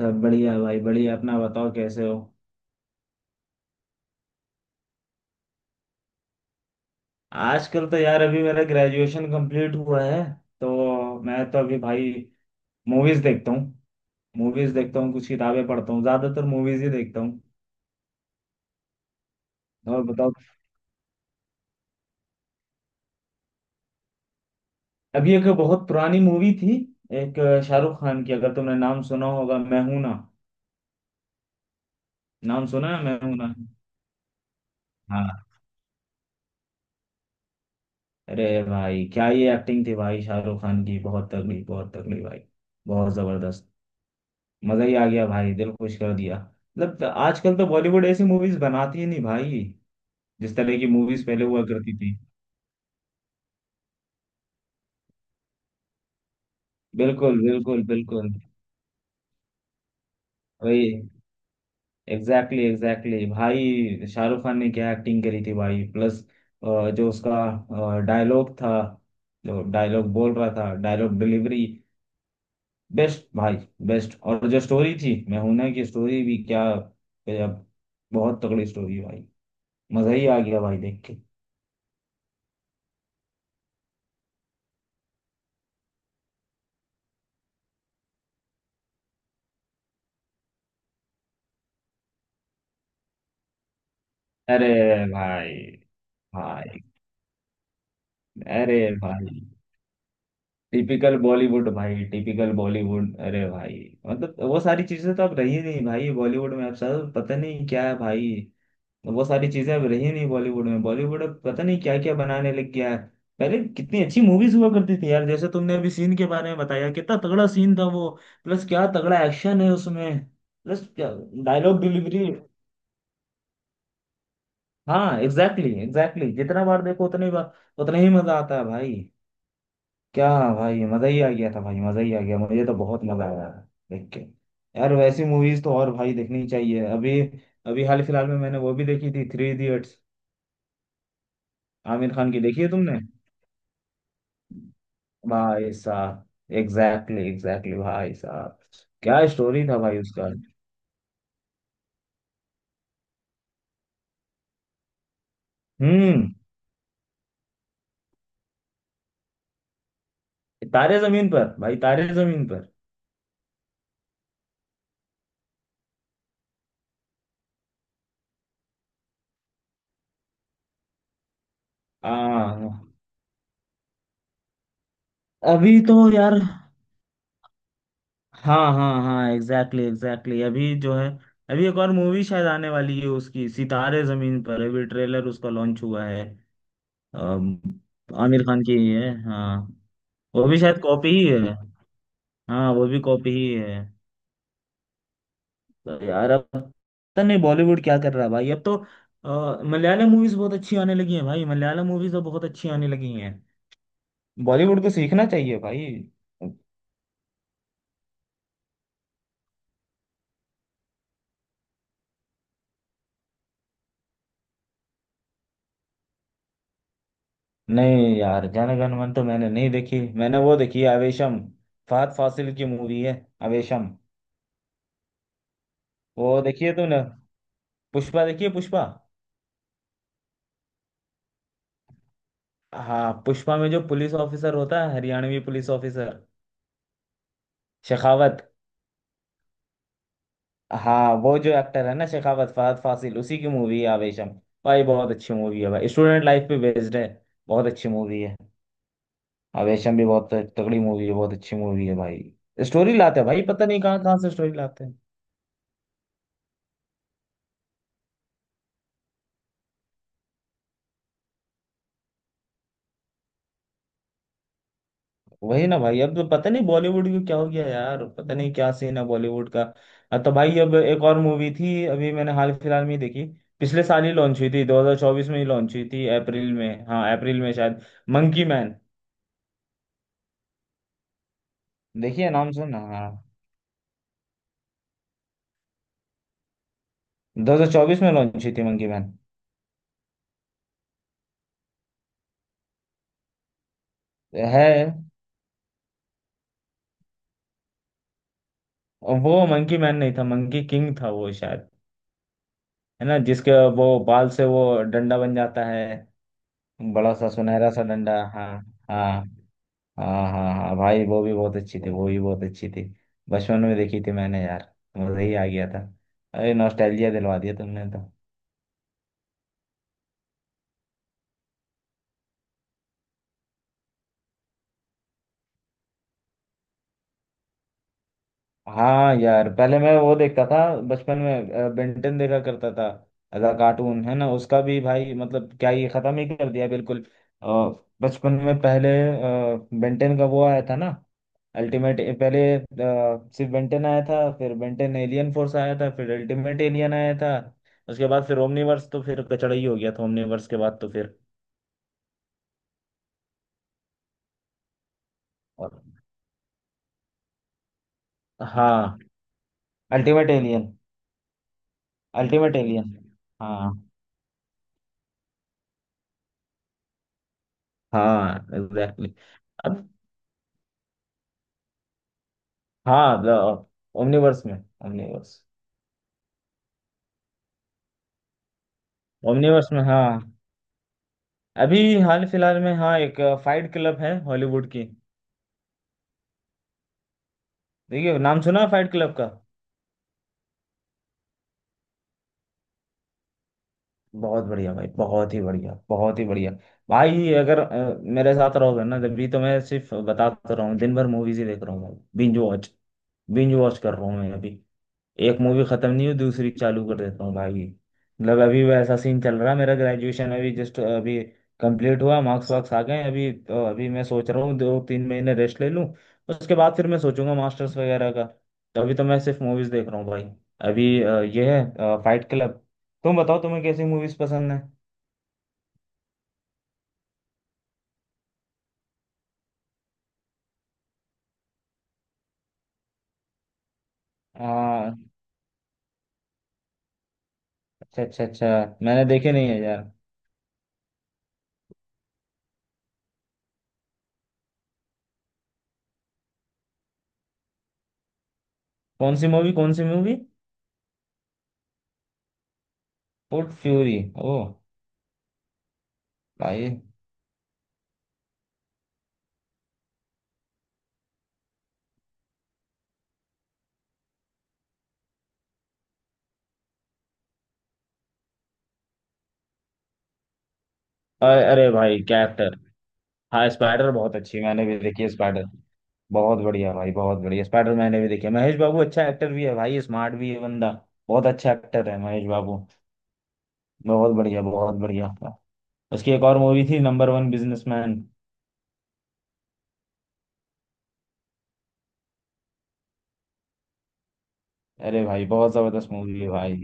सब बढ़िया भाई, बढ़िया। अपना बताओ, कैसे हो। आजकल तो यार अभी मेरा ग्रेजुएशन कंप्लीट हुआ है, तो मैं तो अभी भाई मूवीज देखता हूँ। कुछ किताबें पढ़ता हूँ, ज्यादातर मूवीज ही देखता हूँ। और बताओ। अभी एक बहुत पुरानी मूवी थी, एक शाहरुख खान की, अगर तुमने नाम सुना होगा, मैं हूं ना। नाम सुना है, मैं हूं ना। हाँ। अरे भाई, क्या ये एक्टिंग थी भाई शाहरुख खान की, बहुत तगड़ी, बहुत तगड़ी भाई, बहुत जबरदस्त। मजा ही आ गया भाई, दिल खुश कर दिया। मतलब आजकल तो बॉलीवुड ऐसी मूवीज बनाती ही नहीं भाई, जिस तरह की मूवीज पहले हुआ करती थी। बिल्कुल, बिल्कुल, बिल्कुल। वही। एग्जैक्टली, एग्जैक्टली भाई, शाहरुख खान ने क्या एक्टिंग करी थी भाई, प्लस जो उसका डायलॉग था, जो डायलॉग बोल रहा था, डायलॉग डिलीवरी बेस्ट भाई, बेस्ट। और जो स्टोरी थी मैं हूं ना की, स्टोरी भी क्या गजब, बहुत तगड़ी स्टोरी भाई। मजा ही आ गया भाई देख के। अरे भाई। भाई। अरे भाई, टिपिकल बॉलीवुड भाई, टिपिकल बॉलीवुड। अरे भाई, मतलब वो सारी चीजें तो अब रही नहीं भाई बॉलीवुड में, अब सर पता नहीं क्या है भाई। वो सारी चीजें अब रही नहीं बॉलीवुड में, बॉलीवुड अब पता नहीं क्या क्या बनाने लग गया है। पहले कितनी अच्छी मूवीज हुआ करती थी यार, जैसे तुमने अभी सीन के बारे में बताया, कितना तगड़ा सीन था वो। प्लस क्या तगड़ा एक्शन है उसमें, प्लस क्या डायलॉग डिलीवरी। हाँ, एग्जैक्टली, एग्जैक्टली, जितना बार देखो उतनी बार उतना ही मजा आता है भाई। क्या भाई, मजा ही आ गया था भाई, मजा ही आ गया, मुझे तो बहुत मजा आया देख के। यार वैसी मूवीज तो और भाई देखनी चाहिए। अभी, अभी हाल फिलहाल में मैंने वो भी देखी थी, थ्री इडियट्स, आमिर खान की। देखी है तुमने। भाई साहब, एग्जैक्टली, एग्जैक्टली भाई साहब, क्या स्टोरी था भाई उसका। हम्म। तारे जमीन पर भाई, तारे जमीन पर। आ, अभी तो यार, हाँ हाँ हाँ, एग्जैक्टली, एग्जैक्टली। अभी जो है, अभी एक और मूवी शायद आने वाली है उसकी, सितारे जमीन पर, अभी ट्रेलर उसका लॉन्च हुआ है। अम, आमिर खान की ही है, हाँ। वो भी शायद कॉपी ही है। हाँ वो भी कॉपी ही है। तो यार अब पता नहीं बॉलीवुड क्या कर रहा है भाई, अब तो मलयालम मूवीज बहुत अच्छी आने लगी हैं भाई, मलयालम मूवीज तो बहुत अच्छी आने लगी हैं। बॉलीवुड को सीखना चाहिए भाई। नहीं यार, जनगण मन तो मैंने नहीं देखी, मैंने वो देखी है आवेशम, फहद फासिल की मूवी है आवेशम। वो देखी है तूने। पुष्पा देखी है, पुष्पा। हाँ, पुष्पा में जो पुलिस ऑफिसर होता है, हरियाणवी पुलिस ऑफिसर, शेखावत। हाँ, वो जो एक्टर है ना, शेखावत, फहद फासिल, उसी की मूवी है आवेशम। भाई बहुत अच्छी मूवी है भाई, स्टूडेंट लाइफ पे बेस्ड है, बहुत अच्छी मूवी है। आवेशम भी बहुत तगड़ी मूवी है, बहुत अच्छी मूवी है भाई। स्टोरी लाते हैं भाई, पता नहीं कहाँ कहाँ से स्टोरी लाते हैं। वही ना भाई, अब तो पता नहीं बॉलीवुड को क्या हो गया यार, पता नहीं क्या सीन है बॉलीवुड का। अब तो भाई, अब एक और मूवी थी, अभी मैंने हाल फिलहाल में ही देखी, पिछले साल ही लॉन्च हुई थी, 2024 में ही लॉन्च हुई थी अप्रैल में, हाँ अप्रैल में शायद, मंकी मैन। देखिए नाम सुन, हाँ, 2024 में लॉन्च हुई थी मंकी मैन। है। वो मंकी मैन नहीं था, मंकी किंग था वो शायद, है ना, जिसके वो बाल से वो डंडा बन जाता है, बड़ा सा सुनहरा सा डंडा। हाँ। हाँ। हाँ हाँ हाँ भाई, वो भी बहुत अच्छी थी, वो भी बहुत अच्छी थी, बचपन में देखी थी मैंने यार, मजा ही आ गया था। अरे नॉस्टैल्जिया दिलवा दिया तुमने तो। हाँ यार, पहले मैं वो देखता था, बचपन में बेंटन देखा करता था। अदा कार्टून है ना उसका भी भाई, मतलब क्या ये खत्म ही कर दिया बिल्कुल। अ, बचपन में पहले बेंटन का वो आया था ना, अल्टीमेट। पहले सिर्फ बेंटन आया था, फिर बेंटन एलियन फोर्स आया था, फिर अल्टीमेट एलियन आया था, उसके बाद फिर ओमनीवर्स, तो फिर कचड़ा ही हो गया था ओमनीवर्स के बाद तो फिर। और। हाँ, अल्टीमेट एलियन। अल्टीमेट एलियन, हाँ। हाँ, एग्जैक्टली। अब, हाँ, ओमनीवर्स में, ओमनीवर्स। ओमनीवर्स में, हाँ। अभी हाल फिलहाल में, हाँ, एक फाइट क्लब है हॉलीवुड की। देखिए नाम सुना है, फाइट क्लब का। बहुत बढ़िया भाई, बहुत ही बढ़िया, बहुत ही बढ़िया। भाई अगर मेरे साथ रहोगे ना जब भी, तो मैं सिर्फ बताता रहा हूँ, दिन भर मूवीज ही देख रहा हूँ भाई, बिंज वॉच, बिंज वॉच कर रहा हूँ मैं अभी। एक मूवी खत्म नहीं हुई, दूसरी चालू कर देता हूँ भाई। मतलब अभी वैसा सीन चल रहा है, मेरा ग्रेजुएशन अभी जस्ट अभी कंप्लीट हुआ, मार्क्स वार्क्स आ गए हैं, अभी तो अभी मैं सोच रहा हूँ दो तीन महीने रेस्ट ले लूँ, उसके बाद फिर मैं सोचूंगा मास्टर्स वगैरह का। तो अभी तो मैं सिर्फ मूवीज देख रहा हूँ भाई। अभी ये है फाइट क्लब। तुम बताओ, तुम्हें कैसी मूवीज पसंद है। हाँ, अच्छा अच्छा अच्छा, मैंने देखे नहीं है यार। कौन सी मूवी, कौन सी मूवी। फुट फ्यूरी, ओ भाई। अरे अरे भाई, क्या। हाँ स्पाइडर बहुत अच्छी है, मैंने भी देखी है स्पाइडर। बहुत बढ़िया भाई, बहुत बढ़िया, स्पाइडर मैंने भी देखी है। महेश बाबू अच्छा एक्टर भी है भाई, स्मार्ट भी है बंदा, बहुत अच्छा एक्टर है महेश बाबू, बहुत बढ़िया, बहुत बढ़िया। उसकी एक और मूवी थी, नंबर वन बिजनेसमैन। अरे भाई, बहुत जबरदस्त मूवी है भाई।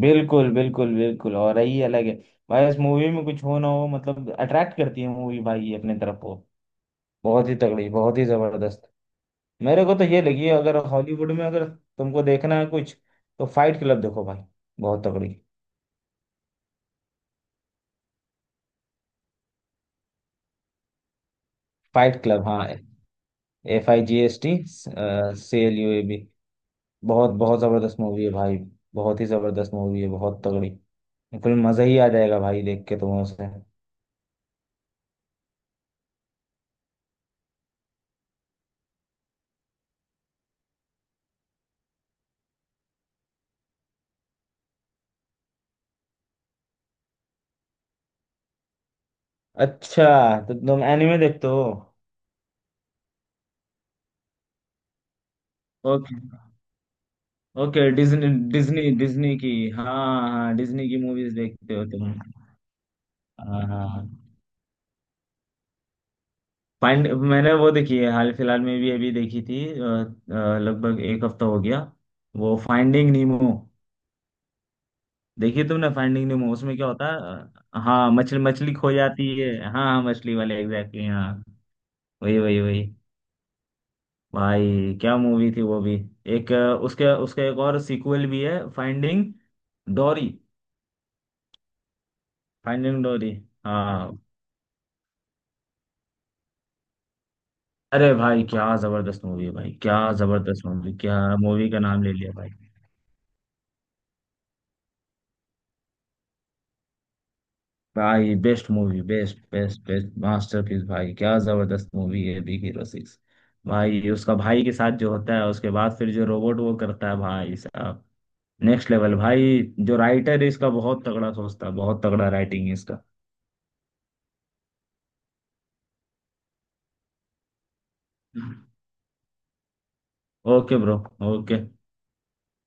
बिल्कुल, बिल्कुल, बिल्कुल, और यही अलग है भाई। इस मूवी में कुछ हो ना हो, मतलब अट्रैक्ट करती है मूवी भाई अपने तरफ को, बहुत ही तगड़ी, बहुत ही जबरदस्त। मेरे को तो ये लगी है, अगर हॉलीवुड में अगर तुमको देखना है कुछ, तो फाइट क्लब देखो भाई, बहुत तगड़ी। फाइट क्लब, हाँ। F I G S T C L U A B. बहुत बहुत जबरदस्त मूवी है भाई, बहुत ही जबरदस्त मूवी है, बहुत तगड़ी, बिल्कुल मजा ही आ जाएगा भाई देख के तुम्हें उसे। अच्छा, तो तुम एनिमे देखते हो। Okay. Okay, Disney, Disney, Disney की। हाँ हाँ, डिज्नी की मूवीज देखते हो तुम। हाँ हाँ। पांड, मैंने वो देखी है हाल फिलहाल में भी, अभी देखी थी लगभग एक हफ्ता हो गया, वो फाइंडिंग नीमो। देखी तुमने फाइंडिंग नीमो, उसमें क्या होता है हाँ, मछली, मछली खो जाती है, हाँ हाँ मछली वाले, एग्जैक्टली, हाँ वही वही वही। भाई क्या मूवी थी वो भी। एक उसके उसका एक और सीक्वल भी है, फाइंडिंग डोरी, फाइंडिंग डोरी। हाँ। अरे भाई क्या जबरदस्त मूवी है भाई, क्या जबरदस्त मूवी, क्या मूवी का नाम ले लिया भाई। भाई best movie, best best best, masterpiece भाई, क्या जबरदस्त मूवी है बिग हीरो सिक्स। भाई उसका भाई के साथ जो होता है, उसके बाद फिर जो रोबोट वो करता है भाई साहब, नेक्स्ट लेवल भाई। जो राइटर है इसका, बहुत तगड़ा सोचता है, बहुत तगड़ा राइटिंग है इसका। Okay bro. ओके।